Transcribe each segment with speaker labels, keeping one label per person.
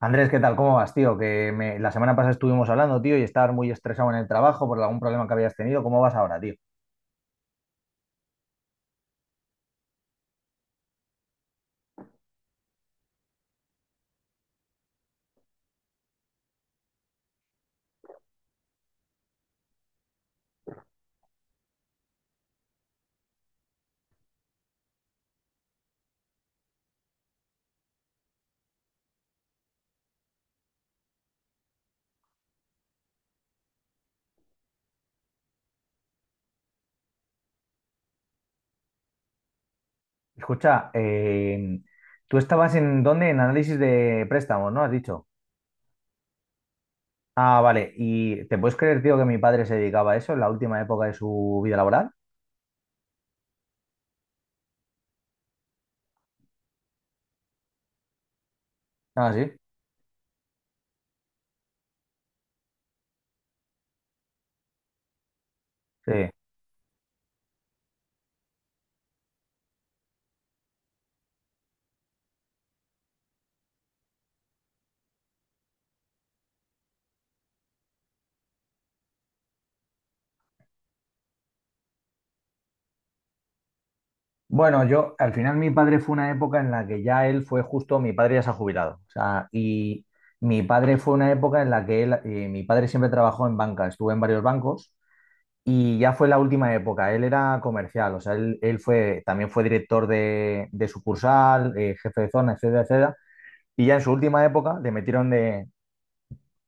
Speaker 1: Andrés, ¿qué tal? ¿Cómo vas, tío? La semana pasada estuvimos hablando, tío, y estabas muy estresado en el trabajo por algún problema que habías tenido. ¿Cómo vas ahora, tío? Escucha, ¿tú estabas en dónde? En análisis de préstamos, ¿no? Has dicho. Ah, vale. ¿Y te puedes creer, tío, que mi padre se dedicaba a eso en la última época de su vida laboral? Ah, sí. Sí. Bueno, yo, al final mi padre fue una época en la que ya él fue justo, mi padre ya se ha jubilado. O sea, y mi padre fue una época en la que él, mi padre siempre trabajó en banca, estuvo en varios bancos. Y ya fue la última época, él era comercial, o sea, él fue, también fue director de sucursal, jefe de zona, etcétera, etcétera. Y ya en su última época le metieron de,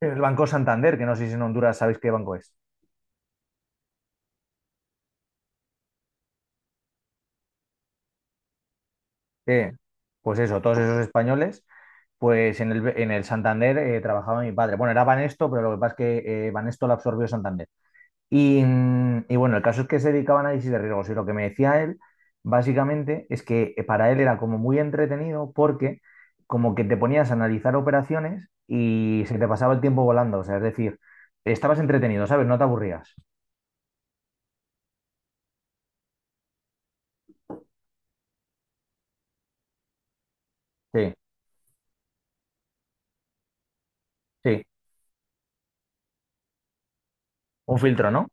Speaker 1: el Banco Santander, que no sé si en Honduras sabéis qué banco es. Eh, pues eso, todos esos españoles, pues en el Santander trabajaba mi padre. Bueno, era Banesto, pero lo que pasa es que Banesto lo absorbió Santander. Y bueno, el caso es que se dedicaba a análisis de riesgos y lo que me decía él, básicamente, es que para él era como muy entretenido porque como que te ponías a analizar operaciones y se te pasaba el tiempo volando, o sea, es decir, estabas entretenido, ¿sabes? No te aburrías. Sí, sí, un filtro, ¿no?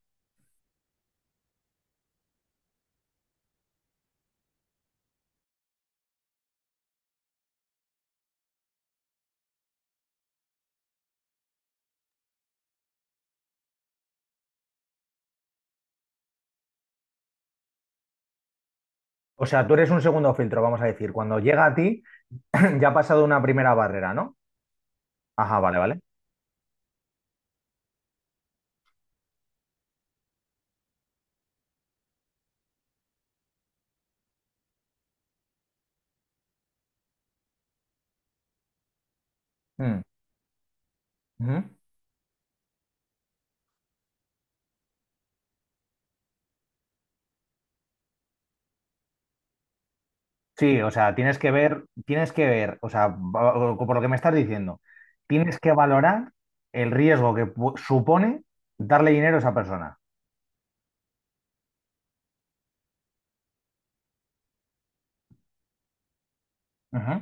Speaker 1: O sea, tú eres un segundo filtro, vamos a decir, cuando llega a ti. Ya ha pasado una primera barrera, ¿no? Ajá, vale, vale. Mm, ujú. Sí, o sea, tienes que ver, o sea, por lo que me estás diciendo, tienes que valorar el riesgo que supone darle dinero a esa persona. Ujú.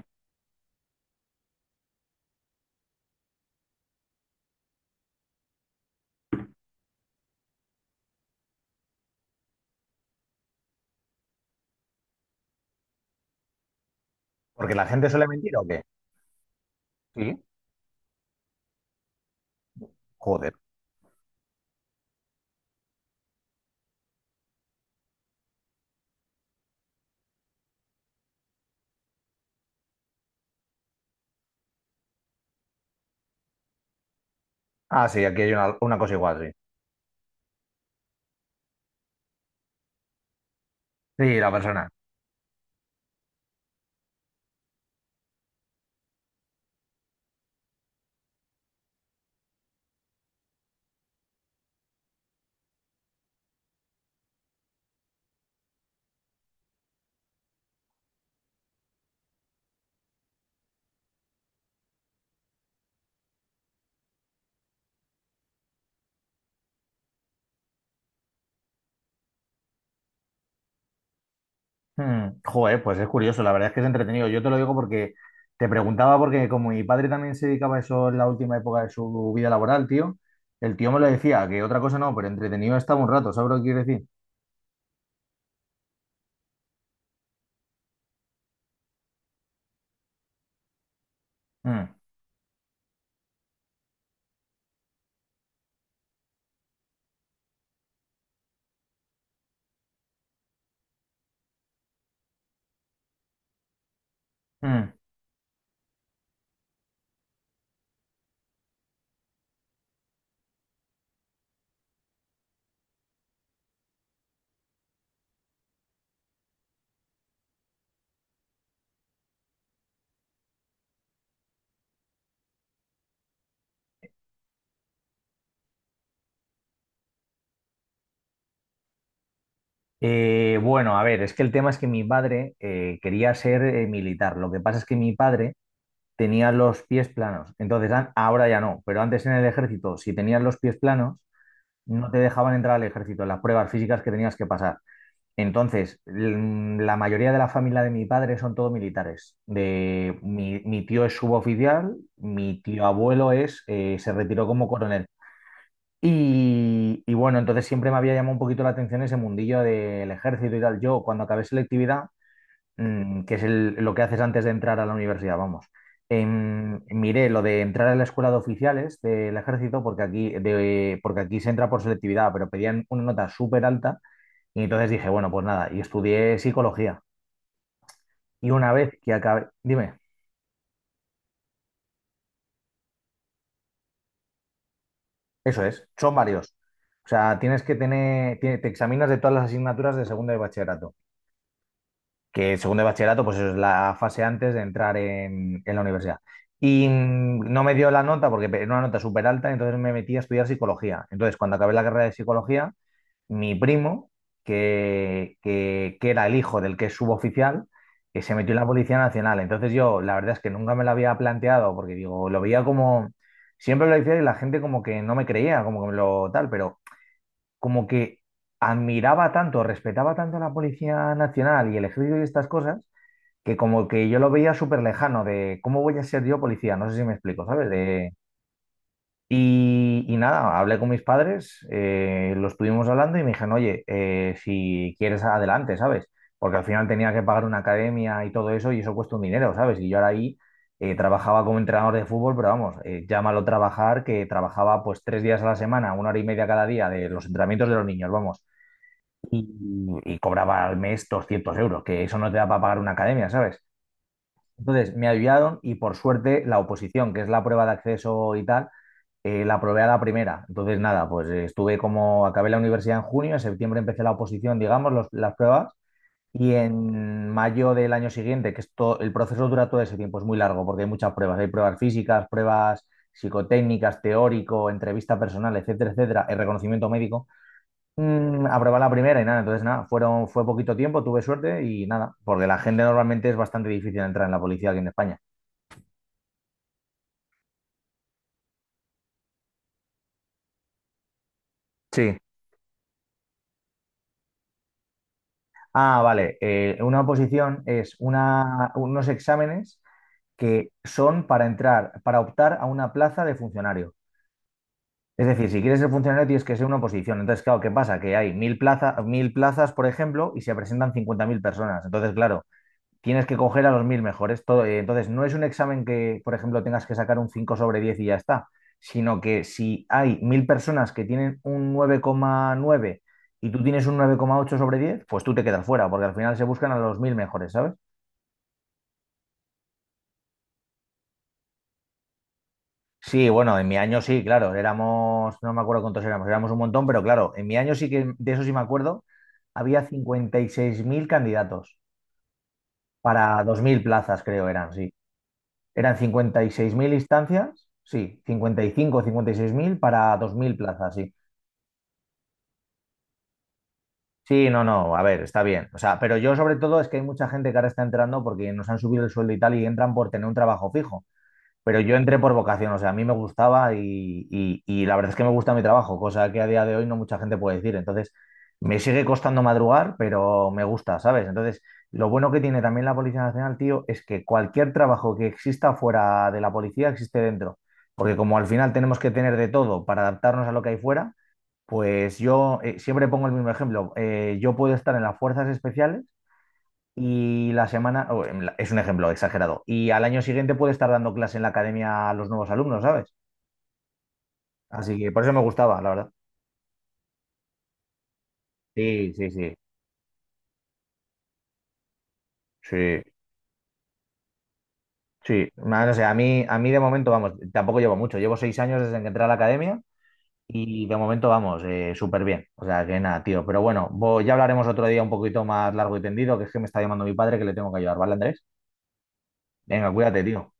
Speaker 1: Porque la gente suele mentir o qué. Sí. Joder. Ah, sí, aquí hay una cosa igual, sí. Sí, la persona. Hmm. Joder, pues es curioso, la verdad es que es entretenido. Yo te lo digo porque te preguntaba, porque como mi padre también se dedicaba a eso en la última época de su vida laboral, tío, el tío me lo decía, que otra cosa no, pero entretenido estaba un rato, ¿sabes lo que quiero decir? Mm, mm. Bueno, a ver, es que el tema es que mi padre quería ser militar. Lo que pasa es que mi padre tenía los pies planos. Entonces, ahora ya no, pero antes en el ejército, si tenías los pies planos, no te dejaban entrar al ejército, en las pruebas físicas que tenías que pasar. Entonces, la mayoría de la familia de mi padre son todos militares. De, mi tío es suboficial, mi tío abuelo es, se retiró como coronel. Y bueno, entonces siempre me había llamado un poquito la atención ese mundillo del ejército y tal. Yo, cuando acabé selectividad, que es lo que haces antes de entrar a la universidad, vamos, miré lo de entrar a la escuela de oficiales del ejército, porque aquí, porque aquí se entra por selectividad, pero pedían una nota súper alta. Y entonces dije, bueno, pues nada, y estudié psicología. Y una vez que acabé, dime, eso es, son varios. O sea, tienes que tener, te examinas de todas las asignaturas de segundo de bachillerato. Que segundo de bachillerato, pues eso es la fase antes de entrar en la universidad. Y no me dio la nota porque era una nota súper alta, entonces me metí a estudiar psicología. Entonces, cuando acabé la carrera de psicología, mi primo, que era el hijo del que es suboficial, que se metió en la Policía Nacional. Entonces yo, la verdad es que nunca me lo había planteado porque digo, lo veía como, siempre lo decía y la gente como que no me creía, como que me lo tal, pero como que admiraba tanto, respetaba tanto a la Policía Nacional y el ejército y estas cosas que como que yo lo veía súper lejano de cómo voy a ser yo policía, no sé si me explico, ¿sabes? Y nada, hablé con mis padres, lo estuvimos hablando y me dijeron, oye, si quieres adelante, ¿sabes? Porque al final tenía que pagar una academia y todo eso y eso cuesta un dinero, ¿sabes? Y yo ahora ahí trabajaba como entrenador de fútbol, pero vamos, llámalo trabajar, que trabajaba pues 3 días a la semana, una hora y media cada día de los entrenamientos de los niños, vamos. Y, y cobraba al mes 200 euros, que eso no te da para pagar una academia, ¿sabes? Entonces me ayudaron y por suerte la oposición, que es la prueba de acceso y tal, la aprobé a la primera. Entonces nada, pues estuve como, acabé la universidad en junio, en septiembre empecé la oposición, digamos, las pruebas, y en mayo del año siguiente, que esto, el proceso dura todo ese tiempo, es muy largo porque hay muchas pruebas, hay pruebas físicas, pruebas psicotécnicas, teórico, entrevista personal, etcétera, etcétera, el reconocimiento médico. Aprobé la primera y nada, entonces nada, fueron, fue poquito tiempo, tuve suerte y nada, porque la gente normalmente es bastante difícil entrar en la policía aquí en España. Sí. Ah, vale. Una oposición es una, unos exámenes que son para entrar, para optar a una plaza de funcionario. Es decir, si quieres ser funcionario tienes que ser una oposición. Entonces, claro, ¿qué pasa? Que hay mil plazas, por ejemplo, y se presentan 50.000 personas. Entonces, claro, tienes que coger a los 1.000 mejores. Todo, entonces, no es un examen que, por ejemplo, tengas que sacar un 5 sobre 10 y ya está, sino que si hay mil personas que tienen un 9,9 y tú tienes un 9,8 sobre 10, pues tú te quedas fuera, porque al final se buscan a los 1.000 mejores, ¿sabes? Sí, bueno, en mi año sí, claro, éramos, no me acuerdo cuántos éramos, éramos un montón, pero claro, en mi año sí que, de eso sí me acuerdo, había 56.000 candidatos para 2.000 plazas, creo eran, sí. Eran 56.000 instancias, sí, 55 o 56.000 para 2.000 plazas, sí. Sí, no, no, a ver, está bien. O sea, pero yo sobre todo es que hay mucha gente que ahora está entrando porque nos han subido el sueldo y tal y entran por tener un trabajo fijo. Pero yo entré por vocación, o sea, a mí me gustaba y, y la verdad es que me gusta mi trabajo, cosa que a día de hoy no mucha gente puede decir. Entonces, me sigue costando madrugar, pero me gusta, ¿sabes? Entonces, lo bueno que tiene también la Policía Nacional, tío, es que cualquier trabajo que exista fuera de la policía existe dentro. Porque como al final tenemos que tener de todo para adaptarnos a lo que hay fuera, pues yo siempre pongo el mismo ejemplo. Yo puedo estar en las fuerzas especiales y la semana, o en la- es un ejemplo exagerado, y al año siguiente puede estar dando clase en la academia a los nuevos alumnos, ¿sabes? Así que por eso me gustaba, la verdad. Sí, sí, sí, sí, sí. No sé, a mí de momento, vamos, tampoco llevo mucho, llevo 6 años desde que entré a la academia y de momento, vamos, súper bien. O sea, que nada, tío, pero bueno, ya hablaremos otro día un poquito más largo y tendido, que es que me está llamando mi padre que le tengo que ayudar, ¿vale, Andrés? Venga, cuídate, tío.